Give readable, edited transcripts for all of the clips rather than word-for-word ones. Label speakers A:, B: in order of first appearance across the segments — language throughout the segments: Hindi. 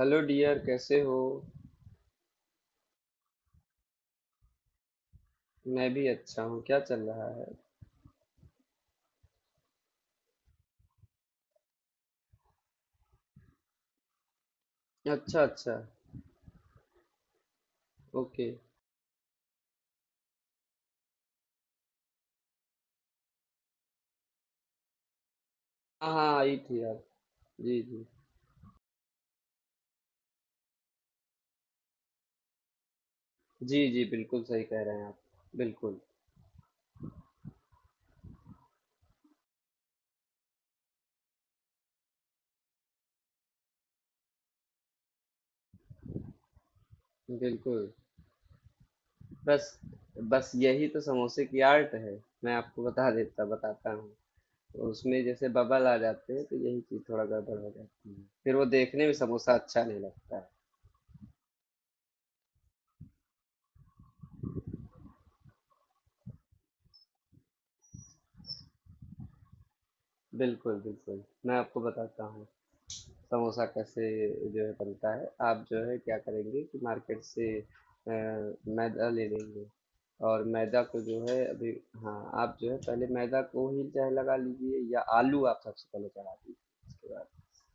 A: हेलो डियर, कैसे हो। मैं भी अच्छा हूँ। क्या चल रहा है। अच्छा अच्छा। ओके। हाँ हाँ, आई थी आप। जी जी। जी जी, बिल्कुल सही कह रहे हैं आप। बिल्कुल बिल्कुल। बस बस, यही तो समोसे की आर्ट है। मैं आपको बताता हूँ। तो उसमें जैसे बबल आ जाते हैं तो यही चीज़ थोड़ा गड़बड़ हो जाती है, फिर वो देखने में समोसा अच्छा नहीं लगता है। बिल्कुल बिल्कुल, मैं आपको बताता हूँ समोसा कैसे जो है बनता है। आप जो है क्या करेंगे कि मार्केट से मैदा ले लेंगे। और मैदा को जो है अभी, हाँ, आप जो है पहले मैदा को ही चाहे लगा लीजिए या आलू आप सबसे पहले चढ़ा दीजिए। उसके बाद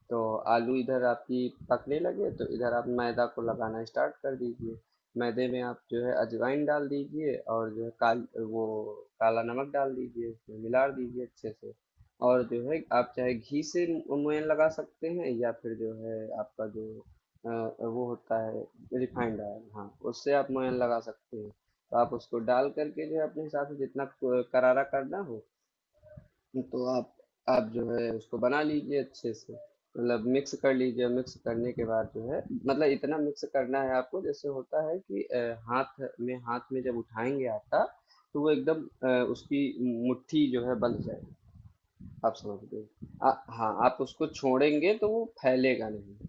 A: तो आलू इधर आपकी पकने लगे तो इधर आप मैदा को लगाना स्टार्ट कर दीजिए। मैदे में आप जो है अजवाइन डाल दीजिए और जो है काल वो काला नमक डाल दीजिए, उसमें मिला दीजिए अच्छे से। और जो है आप चाहे घी से मुंयन लगा सकते हैं या फिर जो है आपका जो अ, वो होता है रिफाइंड ऑयल, हाँ, उससे आप मुंयन लगा सकते हैं। तो आप उसको डाल करके जो है अपने हिसाब से जितना करारा करना हो, तो आप जो है उसको बना लीजिए अच्छे से। मतलब मिक्स कर लीजिए। मिक्स करने के बाद जो है, मतलब इतना मिक्स करना है आपको, जैसे होता है कि हाथ में जब उठाएंगे आटा, तो वो एकदम उसकी मुट्ठी जो है बंध जाए। आप समझ गए। हाँ, आप उसको छोड़ेंगे तो वो फैलेगा नहीं।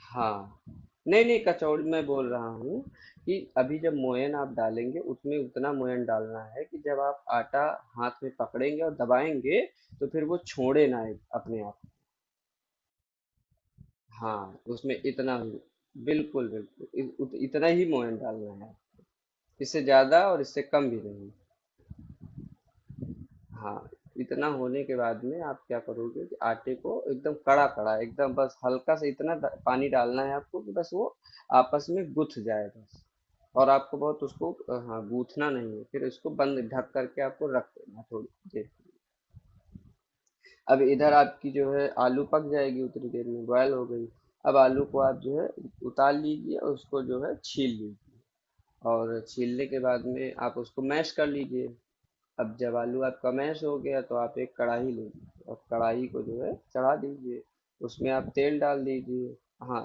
A: हाँ। नहीं, नहीं, कचौड़ी मैं बोल रहा हूँ कि अभी जब मोयन आप डालेंगे उसमें उतना मोयन डालना है कि जब आप आटा हाथ में पकड़ेंगे और दबाएंगे तो फिर वो छोड़े ना अपने आप। हाँ, उसमें इतना ही। बिल्कुल बिल्कुल, इतना ही मोयन डालना है। इससे ज्यादा और इससे कम भी नहीं। हाँ, इतना होने के बाद में आप क्या करोगे कि आटे को एकदम कड़ा कड़ा, एकदम बस हल्का सा इतना पानी डालना है आपको कि बस वो आपस में गुथ जाए बस। और आपको बहुत उसको हाँ, गूथना नहीं है। फिर इसको बंद ढक करके आपको रख देना है थोड़ी देर। अब इधर आपकी जो है आलू पक जाएगी उतनी देर में, बॉयल हो गई। अब आलू को आप जो है उतार लीजिए और उसको जो है छील लीजिए। और छीलने के बाद में आप उसको मैश कर लीजिए। अब जब आलू आपका मैश हो गया, तो आप एक कढ़ाई ले लीजिए और कढ़ाई को जो है चढ़ा दीजिए। उसमें आप तेल डाल दीजिए। हाँ,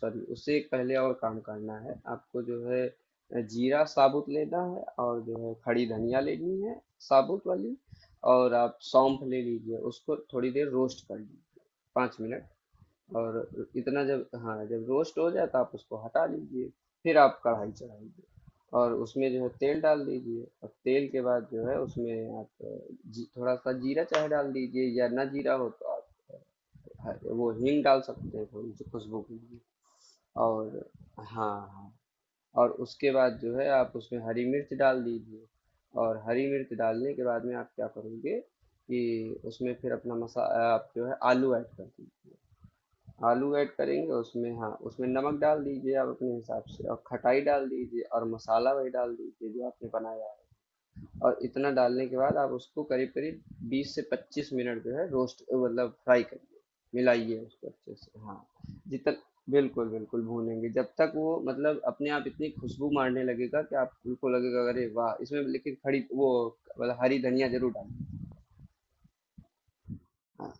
A: सॉरी, उससे एक पहले और काम करना है आपको, जो है जीरा साबुत लेना है और जो है खड़ी धनिया लेनी है, साबुत वाली। और आप सौंफ ले लीजिए, उसको थोड़ी देर रोस्ट कर लीजिए, पाँच मिनट। और इतना जब, हाँ, जब रोस्ट हो जाए तो आप उसको हटा लीजिए। फिर आप कढ़ाई चढ़ाइए और उसमें जो है तेल डाल दीजिए। और तेल के बाद जो है उसमें आप, जी, थोड़ा सा जीरा चाहे डाल दीजिए या ना जीरा हो तो आप वो हींग डाल सकते हैं थोड़ी सी खुशबू के लिए। और, हाँ हाँ, और उसके बाद जो है आप उसमें हरी मिर्च डाल दीजिए। और हरी मिर्च डालने के बाद में आप क्या करोगे कि उसमें फिर अपना मसा आप जो है आलू ऐड कर दीजिए। आलू ऐड करेंगे, उसमें, हाँ, उसमें नमक डाल दीजिए आप अपने हिसाब से और खटाई डाल दीजिए और मसाला वही डाल दीजिए जो आपने बनाया है। और इतना डालने के बाद आप उसको करीब करीब 20 से 25 मिनट जो है रोस्ट, मतलब फ्राई करिए, मिलाइए उसको अच्छे से। हाँ, जितना, बिल्कुल बिल्कुल, भूनेंगे जब तक वो, मतलब अपने आप इतनी खुशबू मारने लगेगा कि आपको लगेगा अरे वाह, इसमें लेकिन खड़ी वो, मतलब हरी धनिया जरूर डालिए। हाँ,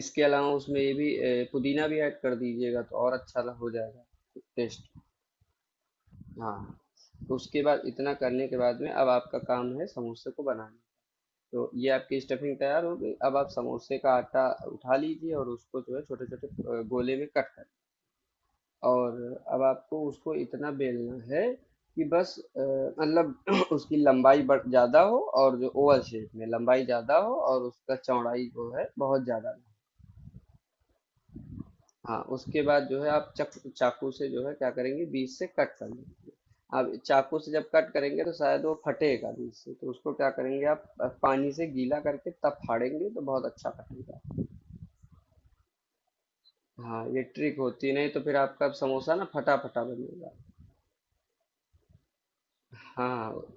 A: इसके अलावा उसमें ये भी पुदीना भी ऐड कर दीजिएगा तो और अच्छा हो जाएगा टेस्ट। हाँ, तो उसके बाद इतना करने के बाद में अब आपका काम है समोसे को बनाना। तो ये आपकी स्टफिंग तैयार हो गई। अब आप समोसे का आटा उठा लीजिए और उसको जो है छोटे छोटे गोले में कट कर। और अब आपको उसको इतना बेलना है कि बस मतलब उसकी लंबाई बढ़ ज़्यादा हो, और जो ओवल शेप में लंबाई ज़्यादा हो और उसका चौड़ाई जो है बहुत ज़्यादा ना। हाँ, उसके बाद जो है आप चक चाकू से जो है क्या करेंगे बीच से कट कर लेंगे। अब चाकू से जब कट करेंगे तो शायद वो फटेगा बीच से, तो उसको क्या करेंगे, आप पानी से गीला करके तब फाड़ेंगे तो बहुत अच्छा फटेगा। हाँ, ये ट्रिक होती है, नहीं तो फिर आपका समोसा ना फटा फटा बनेगा। हाँ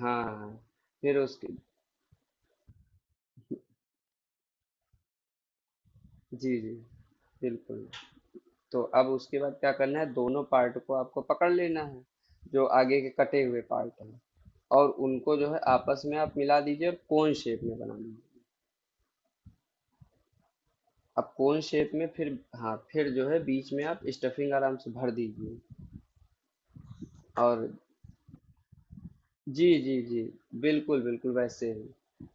A: हाँ हाँ, फिर उसके, जी जी, बिल्कुल। तो अब उसके बाद क्या करना है, दोनों पार्ट को आपको पकड़ लेना है, जो आगे के कटे हुए पार्ट हैं, और उनको जो है आपस में आप मिला दीजिए और कोन शेप में बना लीजिए। अब कोन शेप में फिर, हाँ, फिर जो है बीच में आप स्टफिंग आराम से भर दीजिए। और जी जी जी, बिल्कुल बिल्कुल वैसे ही।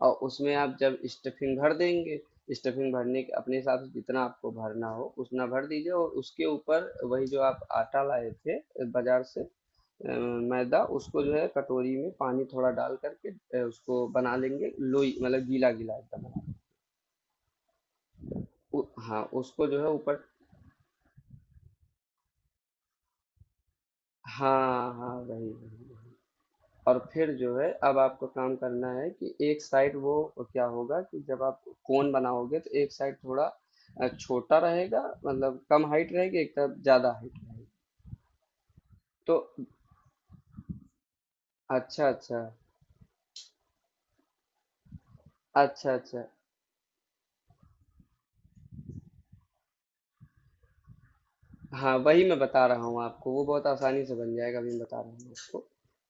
A: और उसमें आप जब स्टफिंग भर देंगे, स्टफिंग भरने के अपने हिसाब से जितना आपको भरना हो उतना भर दीजिए, और उसके ऊपर वही जो आप आटा लाए थे बाजार से, अ, मैदा, उसको जो है कटोरी में पानी थोड़ा डाल करके, उसको बना लेंगे लोई, मतलब गीला गीला एकदम बना। उ, हाँ, उसको जो है ऊपर, हाँ हाँ, वही वही वही। और फिर जो है अब आपको काम करना है कि एक साइड वो क्या होगा कि जब आप कोन बनाओगे तो एक साइड थोड़ा छोटा रहेगा, मतलब कम हाइट रहेगी, एक तरफ ज्यादा हाइट रहेगी। तो अच्छा अच्छा, अच्छा अच्छा। हाँ, वही मैं बता रहा हूँ आपको, वो बहुत आसानी से बन जाएगा। अभी मैं बता रहा हूँ आपको।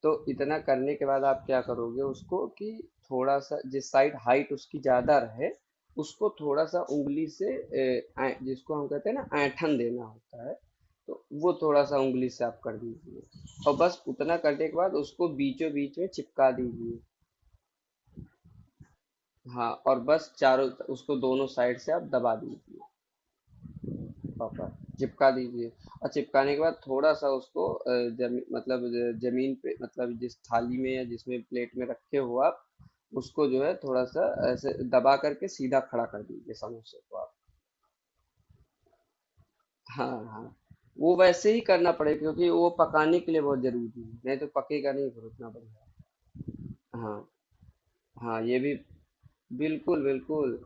A: तो इतना करने के बाद आप क्या करोगे उसको कि थोड़ा सा जिस साइड हाइट उसकी ज्यादा रहे, उसको थोड़ा सा उंगली से जिसको हम कहते हैं ना ऐंठन देना होता है। तो वो थोड़ा सा उंगली से आप कर दीजिए, और बस उतना करने के बाद उसको बीचों बीच में चिपका दीजिए। हाँ, और बस चारों, उसको दोनों साइड से आप दबा दीजिए, पकड़ चिपका दीजिए। और चिपकाने के बाद थोड़ा-सा उसको जमी मतलब ज ज़मीन पे, मतलब जिस थाली में या जिसमें प्लेट में रखे हो आप, उसको जो है थोड़ा-सा ऐसे दबा कर के सीधा खड़ा कर दीजिए समोसे को आप। हाँ, हाँ। वो वैसे ही करना पड़ेगा क्योंकि वो पकाने के लिए बहुत ज़रूरी है, नहीं तो पकेगा नहीं फिर उतना बढ़िया। हाँ, हाँ, ये भी बिल्कुल, बिल्कुल।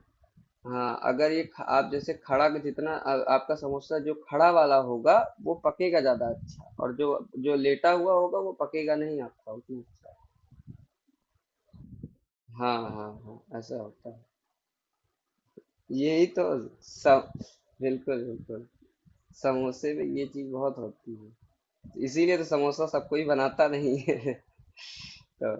A: हाँ, अगर ये आप जैसे खड़ा के जितना आपका समोसा जो खड़ा वाला होगा, वो पकेगा ज्यादा अच्छा, और जो जो लेटा हुआ होगा वो पकेगा नहीं आपका उतना अच्छा। हाँ हाँ हाँ, ऐसा होता है। यही तो सब, बिल्कुल बिल्कुल, समोसे में ये चीज बहुत होती है, इसीलिए तो समोसा सबको ही बनाता नहीं है तो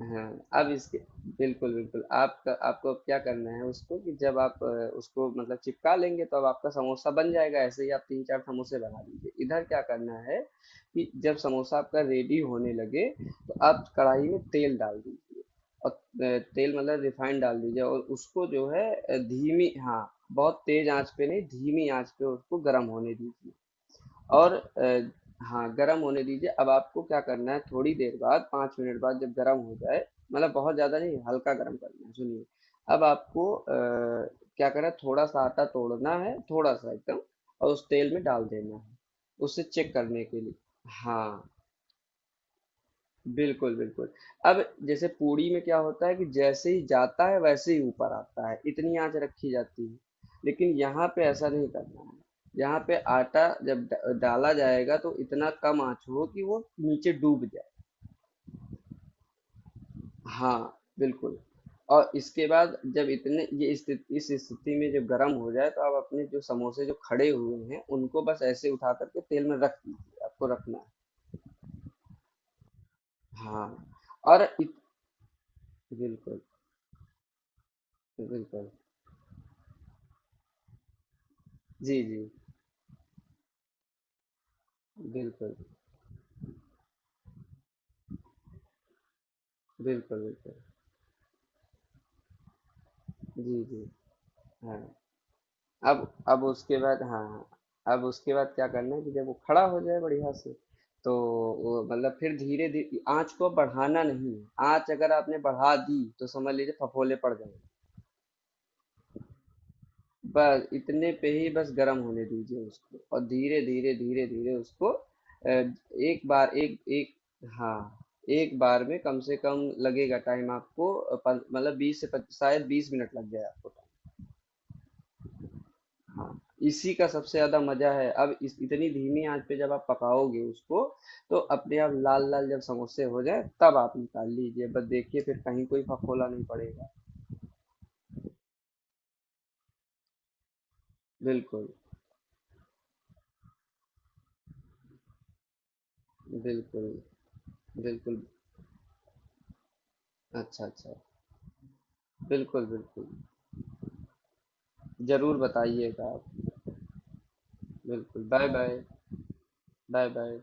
A: हाँ, अब इसके, बिल्कुल, बिल्कुल। आपका आपको अब क्या करना है उसको कि जब आप उसको मतलब चिपका लेंगे तो अब आपका समोसा बन जाएगा। ऐसे ही आप 3-4 समोसे बना लीजिए। इधर क्या करना है कि जब समोसा आपका रेडी होने लगे, तो आप कढ़ाई में तेल डाल दीजिए, और तेल मतलब रिफाइंड डाल दीजिए और उसको जो है धीमी, हाँ, बहुत तेज़ आँच पे नहीं, धीमी आँच पे उसको गरम होने दीजिए। और हाँ, गरम होने दीजिए। अब आपको क्या करना है थोड़ी देर बाद, 5 मिनट बाद, जब गरम हो जाए, मतलब बहुत ज़्यादा नहीं, हल्का गरम करना है, सुनिए। अब आपको क्या करना है थोड़ा-सा आटा तोड़ना है, थोड़ा-सा एकदम, और उस तेल में डाल देना है, उसे चेक करने के लिए। हाँ। बिल्कुल, बिल्कुल। अब जैसे पूड़ी में क्या होता है कि जैसे ही जाता है वैसे ही ऊपर आता है, इतनी आँच रखी जाती है। लेकिन यहाँ पे ऐसा नहीं करना है। यहाँ पे आटा जब ड डाला जाएगा तो इतना कम आँच हो कि वो नीचे डूब जाए। हाँ, बिल्कुल। और इसके बाद जब इतने ये स्थित इस स्थिति में जब गरम हो जाए तो आप अपने जो समोसे जो खड़े हुए हैं, उनको बस ऐसे उठा कर के तेल में रख दीजिए, आपको रखना है। हाँ, और इत बिल्कुल, बिल्कुल। जी, जी। बिल्कुल, बिल्कुल, बिल्कुल। जी, जी। हाँ, अब उसके बाद, हाँ, अब उसके बाद क्या करना है कि जब वो खड़ा हो जाए बढ़िया से, तो वो मतलब फिर धीरे धी आँच को बढ़ाना नहीं है। आँच अगर आपने बढ़ा दी, तो समझ लीजिए फफोले पड़ जाएँगे। बस इतने पे ही बस गर्म होने दीजिए उसको और धीरे-धीरे, धीरे-धीरे उसको एक बार एक एक हाँ, एक बार में कम से कम लगेगा टाइम आपको, पन मतलब 20 से पच शायद 20 मिनट लग जाए आपको। हाँ, इसी का सबसे ज़्यादा मज़ा है। अब इस इतनी धीमी आँच पे जब आप पकाओगे उसको, तो अपने आप लाल-लाल जब समोसे हो जाएँ तब आप निकाल लीजिए। बस देखिए फिर कहीं कोई फफोला नहीं पड़ेगा। बिल्कुल, बिल्कुल, बिल्कुल। अच्छा, अच्छा। बिल्कुल, बिल्कुल। ज़रूर बताइएगा आप। बिल्कुल, बाय-बाय। बाय-बाय।